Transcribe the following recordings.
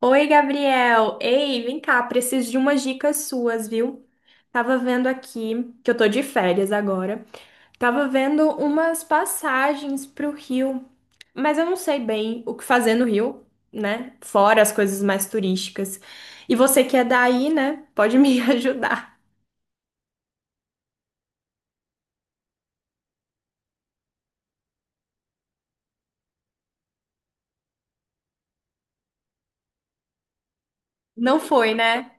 Oi, Gabriel. Ei, vem cá, preciso de umas dicas suas, viu? Tava vendo aqui, que eu tô de férias agora. Tava vendo umas passagens pro Rio, mas eu não sei bem o que fazer no Rio, né? Fora as coisas mais turísticas. E você que é daí, né? Pode me ajudar. Não foi, né?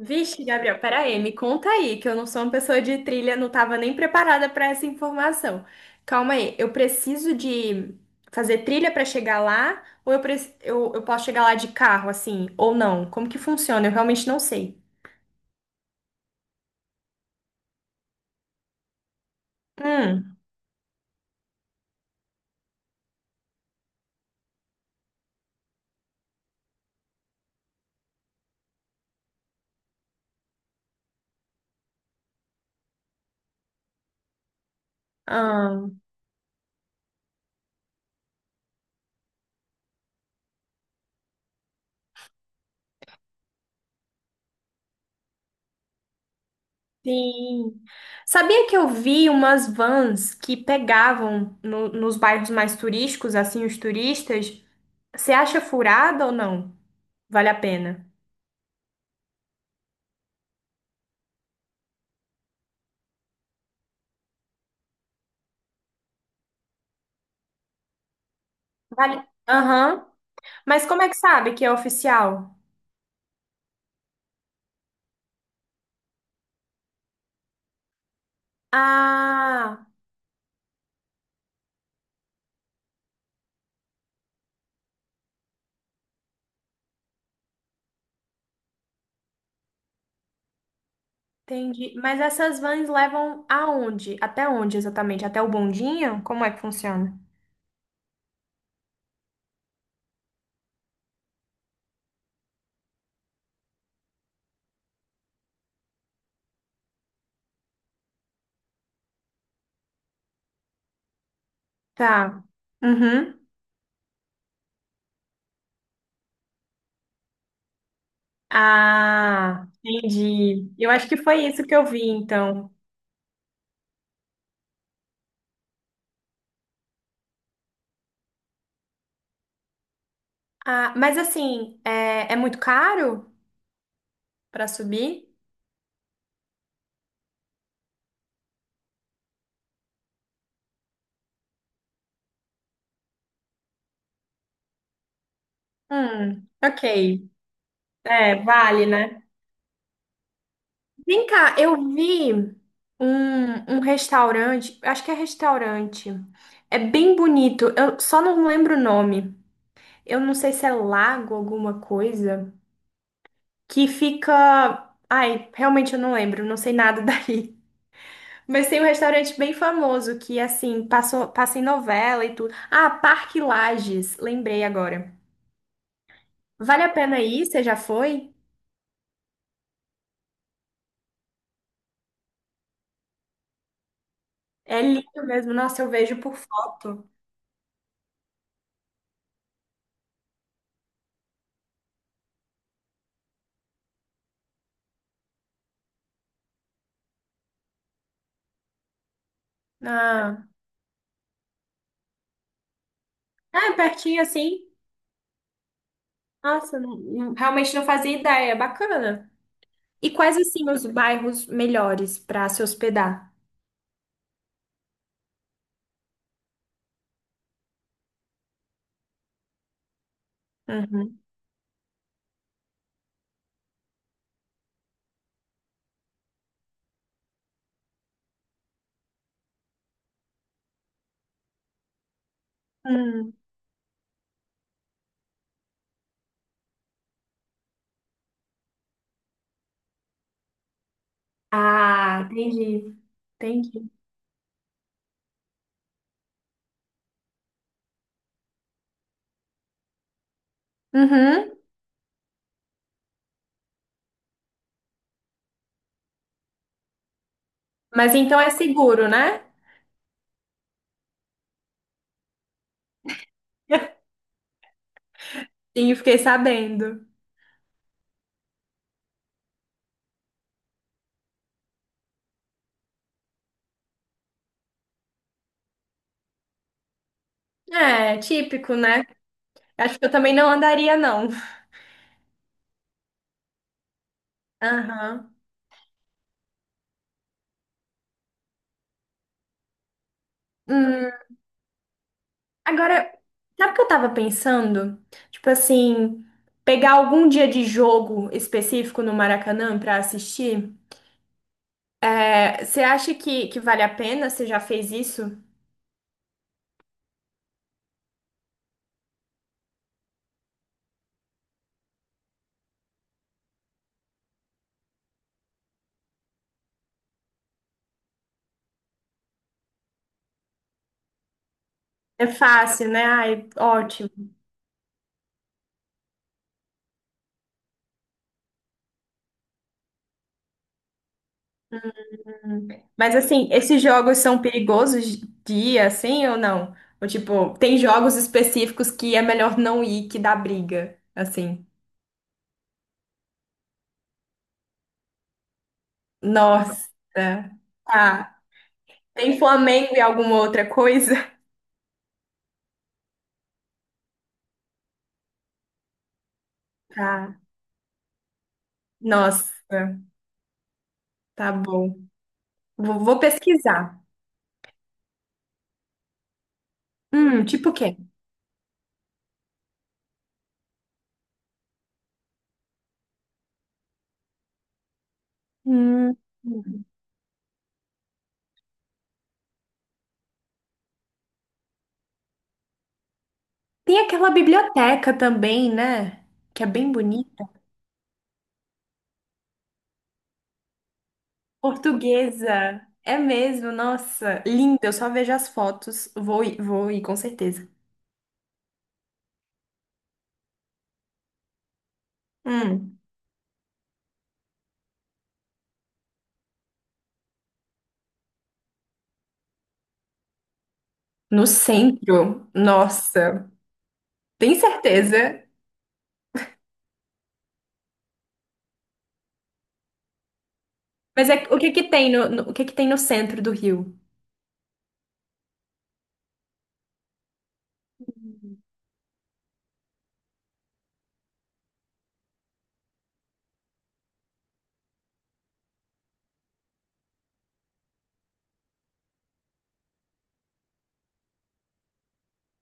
Vixe, Gabriel, peraí, me conta aí, que eu não sou uma pessoa de trilha, não estava nem preparada para essa informação. Calma aí, eu preciso de fazer trilha para chegar lá, ou eu posso chegar lá de carro, assim, ou não? Como que funciona? Eu realmente não sei. Hum, ah, sim. Sabia que eu vi umas vans que pegavam nos bairros mais turísticos, assim, os turistas? Você acha furada ou não? Vale a pena? Vale. Aham. Mas como é que sabe que é oficial? Ah, entendi. Mas essas vans levam aonde? Até onde exatamente? Até o bondinho? Como é que funciona? Tá. Uhum. Ah, entendi. Eu acho que foi isso que eu vi, então. Ah, mas assim, é muito caro para subir? Ok. É, vale, né? Vem cá, eu vi um restaurante, acho que é restaurante. É bem bonito, eu só não lembro o nome. Eu não sei se é lago alguma coisa, que fica. Ai, realmente eu não lembro, não sei nada daí. Mas tem um restaurante bem famoso que, assim, passou, passa em novela e tudo. Ah, Parque Lages, lembrei agora. Vale a pena ir? Você já foi? É lindo mesmo, nossa, eu vejo por foto. Ah, ah é pertinho assim. Nossa, realmente não fazia ideia. Bacana. E quais, assim, os bairros melhores para se hospedar? Uhum. Hum. Ah, entendi. Entendi. Uhum. Mas então é seguro, né? Sim, fiquei sabendo. É, típico, né? Acho que eu também não andaria, não. Aham. Hum, agora, sabe o que eu tava pensando? Tipo assim, pegar algum dia de jogo específico no Maracanã pra assistir? Você acha que vale a pena? Você já fez isso? É fácil, né? Ai, ótimo. Hum. Mas assim, esses jogos são perigosos dia, assim ou não? Ou tipo, tem jogos específicos que é melhor não ir, que dá briga, assim. Nossa. Tá. Tem Flamengo e alguma outra coisa? Tá. Nossa, tá bom. Vou pesquisar. Tipo o quê? Hum. Tem aquela biblioteca também, né? Que é bem bonita. Portuguesa. É mesmo, nossa, linda. Eu só vejo as fotos. Vou ir, com certeza. Hum. No centro, nossa, tem certeza. Mas é, o que que tem o que que tem no centro do Rio?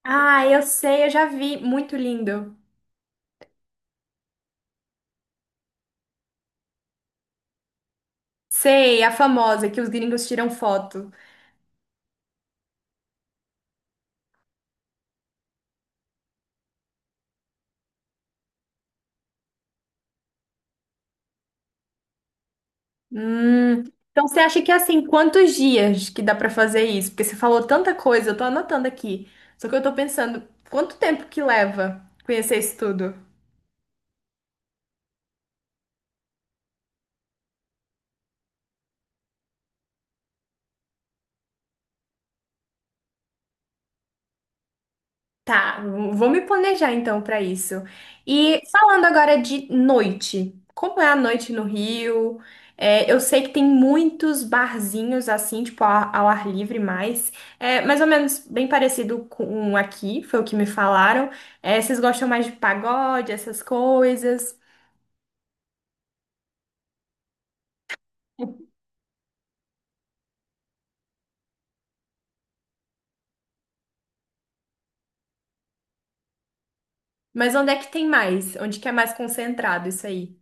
Ah, eu sei, eu já vi. Muito lindo. Sei, a famosa que os gringos tiram foto. Hum. Então você acha que é assim, quantos dias que dá pra fazer isso? Porque você falou tanta coisa, eu tô anotando aqui. Só que eu tô pensando, quanto tempo que leva conhecer isso tudo? Tá, vou me planejar então pra isso. E falando agora de noite, como é a noite no Rio? É, eu sei que tem muitos barzinhos assim, tipo ao ar livre mais, é, mais ou menos bem parecido com um aqui, foi o que me falaram. É, vocês gostam mais de pagode, essas coisas? Mas onde é que tem mais? Onde que é mais concentrado isso aí?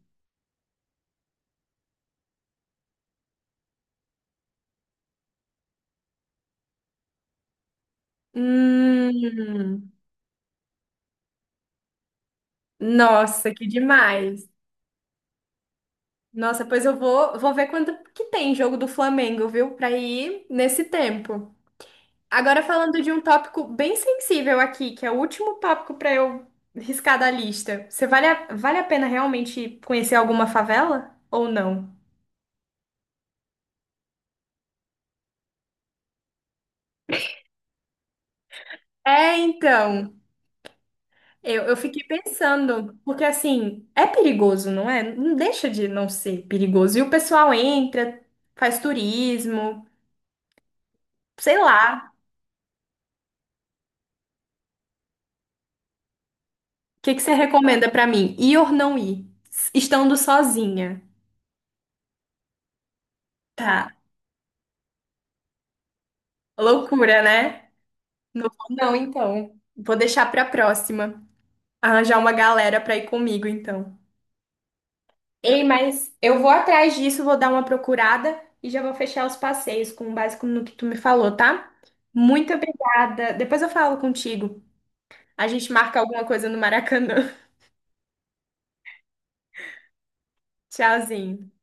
Hum, nossa, que demais! Nossa, pois eu vou ver quanto que tem jogo do Flamengo, viu? Pra ir nesse tempo. Agora falando de um tópico bem sensível aqui, que é o último tópico pra eu riscar da lista. Você vale a pena realmente conhecer alguma favela ou não? É, então, eu fiquei pensando, porque assim, é perigoso, não é? Não deixa de não ser perigoso. E o pessoal entra, faz turismo, sei lá. Que você recomenda pra mim? Ir ou não ir? Estando sozinha. Tá. Loucura, né? Não vou não, então. Vou deixar pra próxima. Arranjar uma galera pra ir comigo, então. Ei, mas eu vou atrás disso, vou dar uma procurada e já vou fechar os passeios com base no que tu me falou, tá? Muito obrigada. Depois eu falo contigo. A gente marca alguma coisa no Maracanã. Tchauzinho.